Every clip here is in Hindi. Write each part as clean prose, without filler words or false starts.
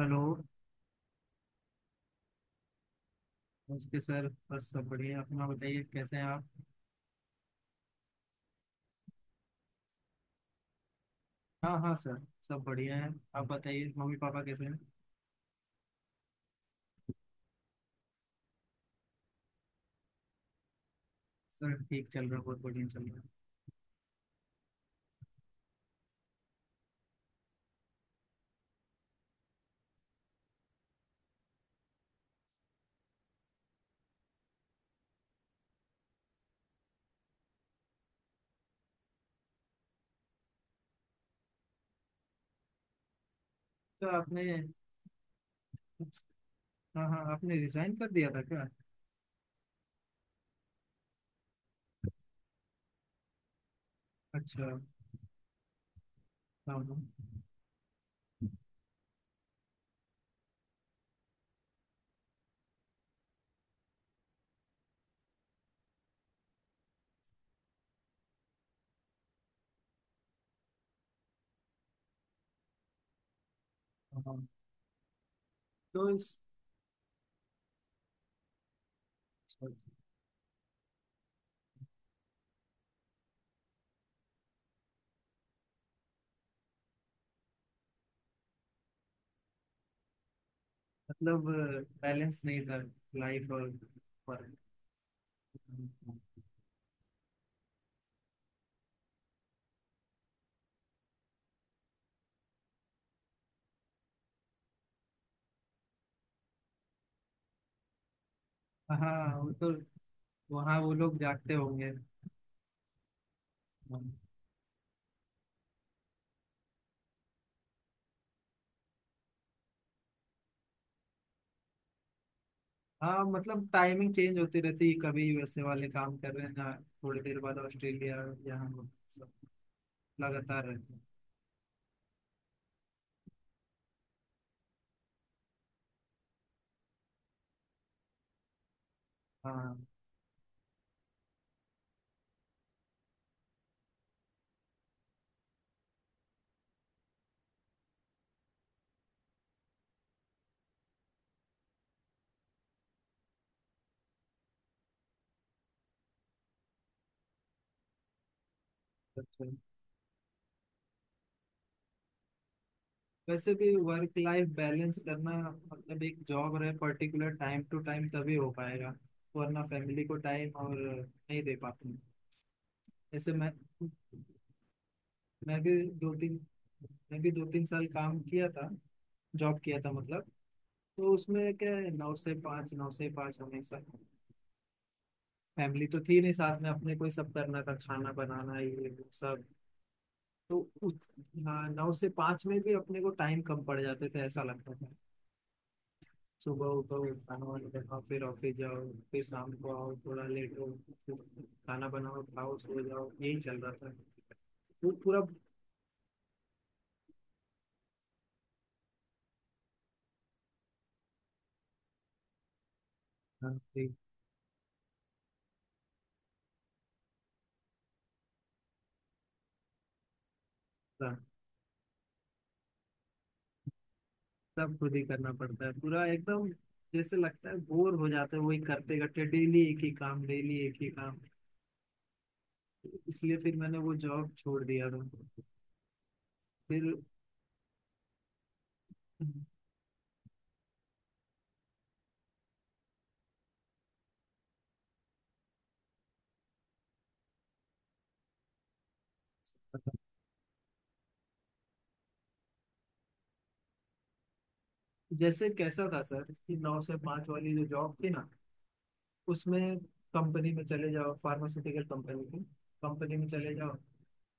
हेलो। नमस्ते सर, बस सब बढ़िया है। अपना बताइए, कैसे हैं आप? हाँ हाँ सर, सब बढ़िया है। आप बताइए, मम्मी पापा कैसे हैं? सर ठीक चल रहा है, बहुत बढ़िया चल रहा है। तो आपने... हाँ हाँ, आपने रिजाइन कर दिया था क्या? अच्छा। हाँ हाँ हाँ। हाँ। तो इस... मतलब बैलेंस नहीं था, लाइफ और वर्क। हाँ वो तो... वहाँ वो लोग जागते होंगे। हाँ। हाँ, मतलब टाइमिंग चेंज होती रहती है, कभी USA वाले काम कर रहे हैं ना, थोड़ी देर बाद ऑस्ट्रेलिया, या हम लोग, सब लगातार रहते हैं। हाँ। अच्छा। वैसे भी वर्क लाइफ बैलेंस करना मतलब एक जॉब रहे पर्टिकुलर, टाइम टू टाइम तभी हो पाएगा। वरना फैमिली को टाइम और नहीं दे पाते हैं। जैसे मैं भी दो तीन मैं भी दो तीन साल काम किया था, जॉब किया था मतलब। तो उसमें क्या है, 9 से 5, नौ से पाँच हमेशा। फैमिली तो थी नहीं साथ में, अपने को ही सब करना था, खाना बनाना ये वो सब। तो उस... हाँ, 9 से 5 में भी अपने को टाइम कम पड़ जाते थे, ऐसा लगता था। सुबह उठो, खाना वाना बनाओ, फिर ऑफिस जाओ, फिर शाम को आओ थोड़ा लेट हो, फिर खाना बनाओ, खाओ, सो जाओ, यही चल रहा था। वो पूरा... हाँ, ठीक था। सब खुद ही करना पड़ता है पूरा एकदम। जैसे लगता है बोर हो जाते हैं, वही करते करते, डेली एक ही काम, डेली एक ही काम। इसलिए फिर मैंने वो जॉब छोड़ दिया था। फिर... जैसे कैसा था सर कि 9 से 5 वाली जो जॉब थी ना, उसमें कंपनी में चले जाओ, फार्मास्यूटिकल कंपनी थी, कंपनी में चले जाओ,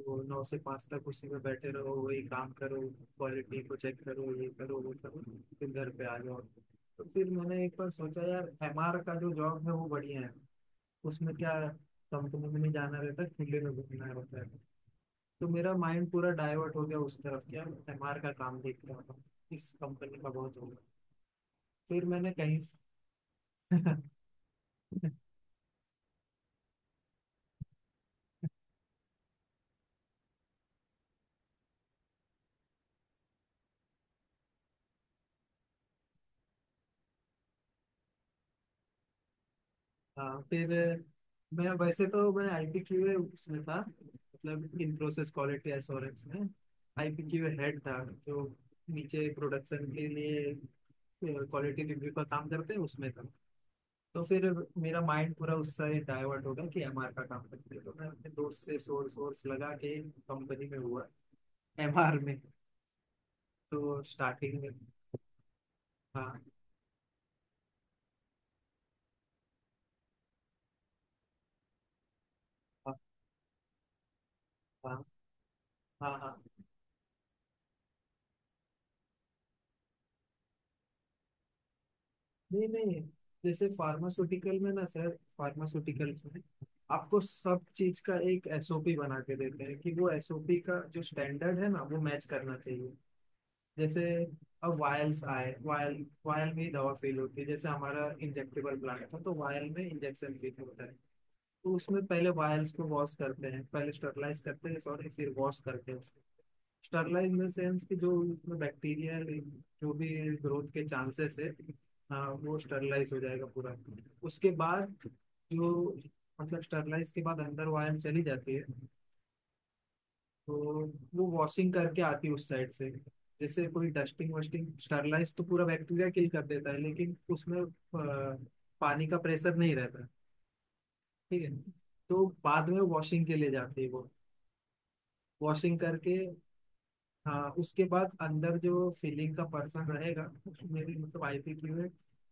तो 9 से 5 तक उसी में बैठे रहो, वही काम करो, क्वालिटी को चेक करो, ये करो, वो करो, फिर घर पे आ जाओ। तो फिर मैंने एक बार सोचा, यार MR का जो जॉब है वो बढ़िया है। उसमें क्या, कंपनी में नहीं जाना रहता, खुले में घूमना रहता है। तो मेरा माइंड पूरा डाइवर्ट हो गया उस तरफ, क्या MR का काम देखता हूँ, इस कंपनी का बहुत हो... फिर मैंने कहीं से... हाँ फिर... मैं वैसे तो मैं IPQ उसमें था, मतलब इन प्रोसेस क्वालिटी एश्योरेंस में। IPQ हेड था जो नीचे प्रोडक्शन के लिए क्वालिटी रिव्यू का काम करते हैं, उसमें था। तो फिर मेरा माइंड पूरा उससे डाइवर्ट हो गया कि MR का काम करते हैं, तो मैं अपने दोस्त से सोर्स सोर्स लगा के कंपनी में हुआ, MR में। तो स्टार्टिंग में... हाँ हाँ हाँ हाँ हाँ। नहीं नहीं, जैसे फार्मास्यूटिकल में ना सर, फार्मास्यूटिकल्स में आपको सब चीज का एक SOP बना के देते हैं, कि वो SOP का जो स्टैंडर्ड है ना वो मैच करना चाहिए। जैसे अब वायल्स आए, वायल वायल में ही दवा फेल होती है, जैसे हमारा इंजेक्टेबल प्लांट था, तो वायल में इंजेक्शन फेल होता है। तो उसमें पहले वायल्स को वॉश करते हैं, पहले स्टरलाइज करते हैं, सॉरी फिर वॉश करते हैं उसको। स्टरलाइज इन द सेंस कि जो उसमें बैक्टीरिया, जो भी ग्रोथ के चांसेस है। हाँ, वो स्टरलाइज हो जाएगा पूरा। उसके बाद जो... मतलब स्टरलाइज के बाद अंदर वायर चली जाती है, तो वो वॉशिंग करके आती है उस साइड से। जैसे कोई डस्टिंग वस्टिंग, स्टरलाइज तो पूरा बैक्टीरिया किल कर देता है, लेकिन उसमें पानी का प्रेशर नहीं रहता, ठीक है। तो बाद में वॉशिंग के लिए जाती है वो, वॉशिंग करके। हाँ, उसके बाद अंदर जो फिलिंग का पर्सन रहेगा, उसमें भी मतलब IPQ है,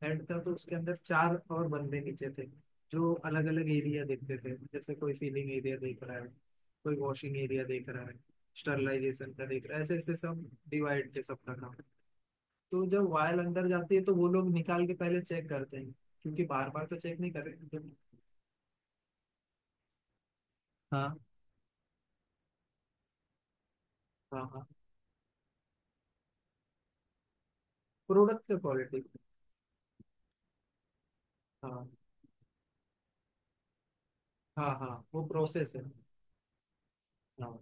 हेड था, तो उसके अंदर चार और बंदे नीचे थे, जो अलग अलग एरिया देखते थे। जैसे कोई फीलिंग एरिया देख रहा है, कोई वॉशिंग एरिया देख रहा है, स्टरलाइजेशन का देख रहा है, ऐसे ऐसे सब डिवाइड थे सबका काम। तो जब वायल अंदर जाती है तो वो लोग निकाल के पहले चेक करते हैं, क्योंकि बार बार तो चेक नहीं कर रहे हाँ हाँ। हाँ प्रोडक्ट का क्वालिटी। हाँ हाँ हाँ वो प्रोसेस है। हाँ।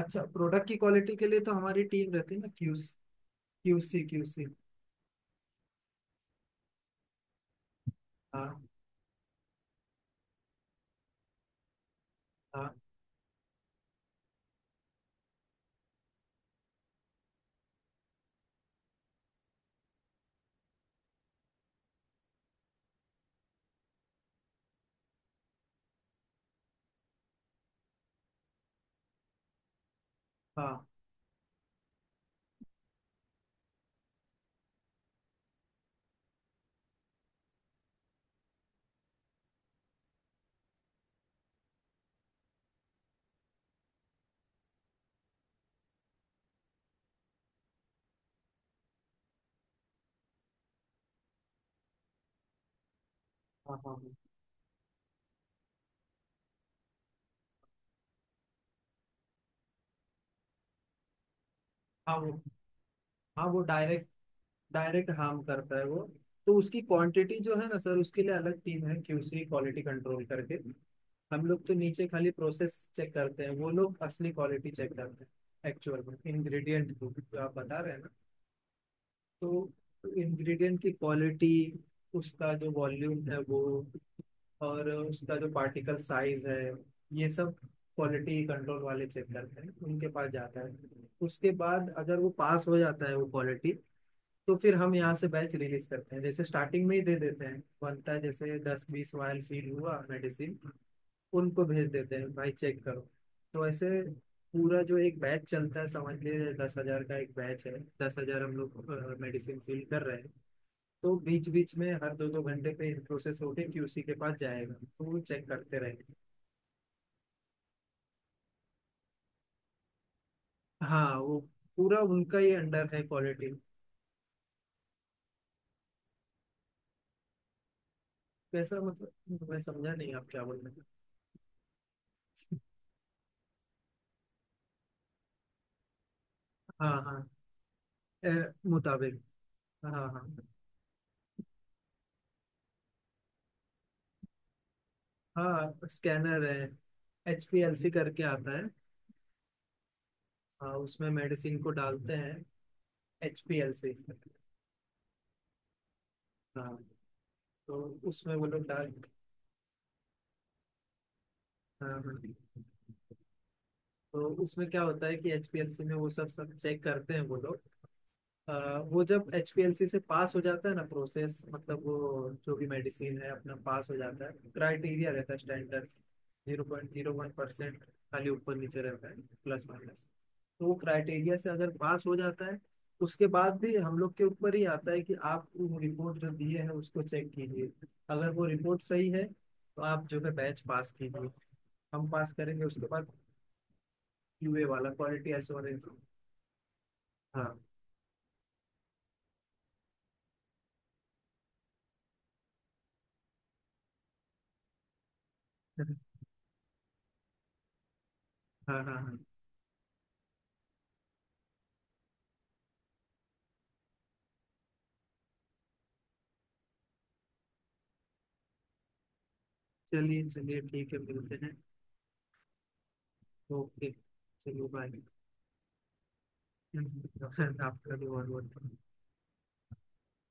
अच्छा, प्रोडक्ट की क्वालिटी के लिए तो हमारी टीम रहती है ना, क्यूसी। हाँ हाँ हाँ हाँ हाँ हाँ। हाँ वो... हाँ वो डायरेक्ट... डायरेक्ट हार्म करता है वो। तो उसकी क्वांटिटी जो है ना सर, उसके लिए अलग टीम है, QC, क्वालिटी कंट्रोल करके। हम लोग तो नीचे खाली प्रोसेस चेक करते हैं, वो लोग असली क्वालिटी चेक करते हैं एक्चुअल में, इंग्रेडिएंट को, जो आप बता रहे हैं ना। तो इंग्रेडिएंट की क्वालिटी, उसका जो वॉल्यूम है वो, और उसका जो पार्टिकल साइज है, ये सब क्वालिटी कंट्रोल वाले चेक करते हैं, उनके पास जाता है। उसके बाद अगर वो पास हो जाता है वो क्वालिटी, तो फिर हम यहाँ से बैच रिलीज करते हैं। जैसे स्टार्टिंग में ही दे देते हैं, बनता है, जैसे 10 20 वायल फील हुआ मेडिसिन, उनको भेज देते हैं भाई चेक करो। तो ऐसे पूरा जो एक बैच चलता है, समझ लीजिए 10,000 का एक बैच है, 10,000 हम लोग मेडिसिन फिल कर रहे हैं। तो बीच बीच में हर 2 2 घंटे पे प्रोसेस होके QC के पास जाएगा, तो वो चेक करते रहेंगे। हाँ वो... पूरा उनका ही अंडर है क्वालिटी। कैसा? मतलब मैं समझा नहीं, आप क्या बोल रहे हैं? हाँ हाँ। ए, मुताबिक। हाँ हाँ। हाँ, स्कैनर है, HPLC करके आता है। हाँ उसमें मेडिसिन को डालते हैं। एच पी एल से। हाँ। तो उसमें वो लोग डाल... हाँ हाँ। तो उसमें क्या होता है कि HPLC में वो सब सब चेक करते हैं वो लोग। वो जब HPLC से पास हो जाता है ना प्रोसेस, मतलब वो जो भी मेडिसिन है अपना पास हो जाता है, क्राइटेरिया रहता है स्टैंडर्ड। 0.01% खाली ऊपर नीचे रहता है, प्लस माइनस। वो क्राइटेरिया से अगर पास हो जाता है, उसके बाद भी हम लोग के ऊपर ही आता है कि आप वो रिपोर्ट जो दिए हैं उसको चेक कीजिए। अगर वो रिपोर्ट सही है तो आप जो है बैच पास कीजिए। हम पास करेंगे उसके बाद, QA वाला, क्वालिटी एश्योरेंस। हाँ हाँ हाँ हाँ। चलिए चलिए, ठीक है, मिलते हैं। ओके। चलिए बाय। आपका भी बहुत बहुत।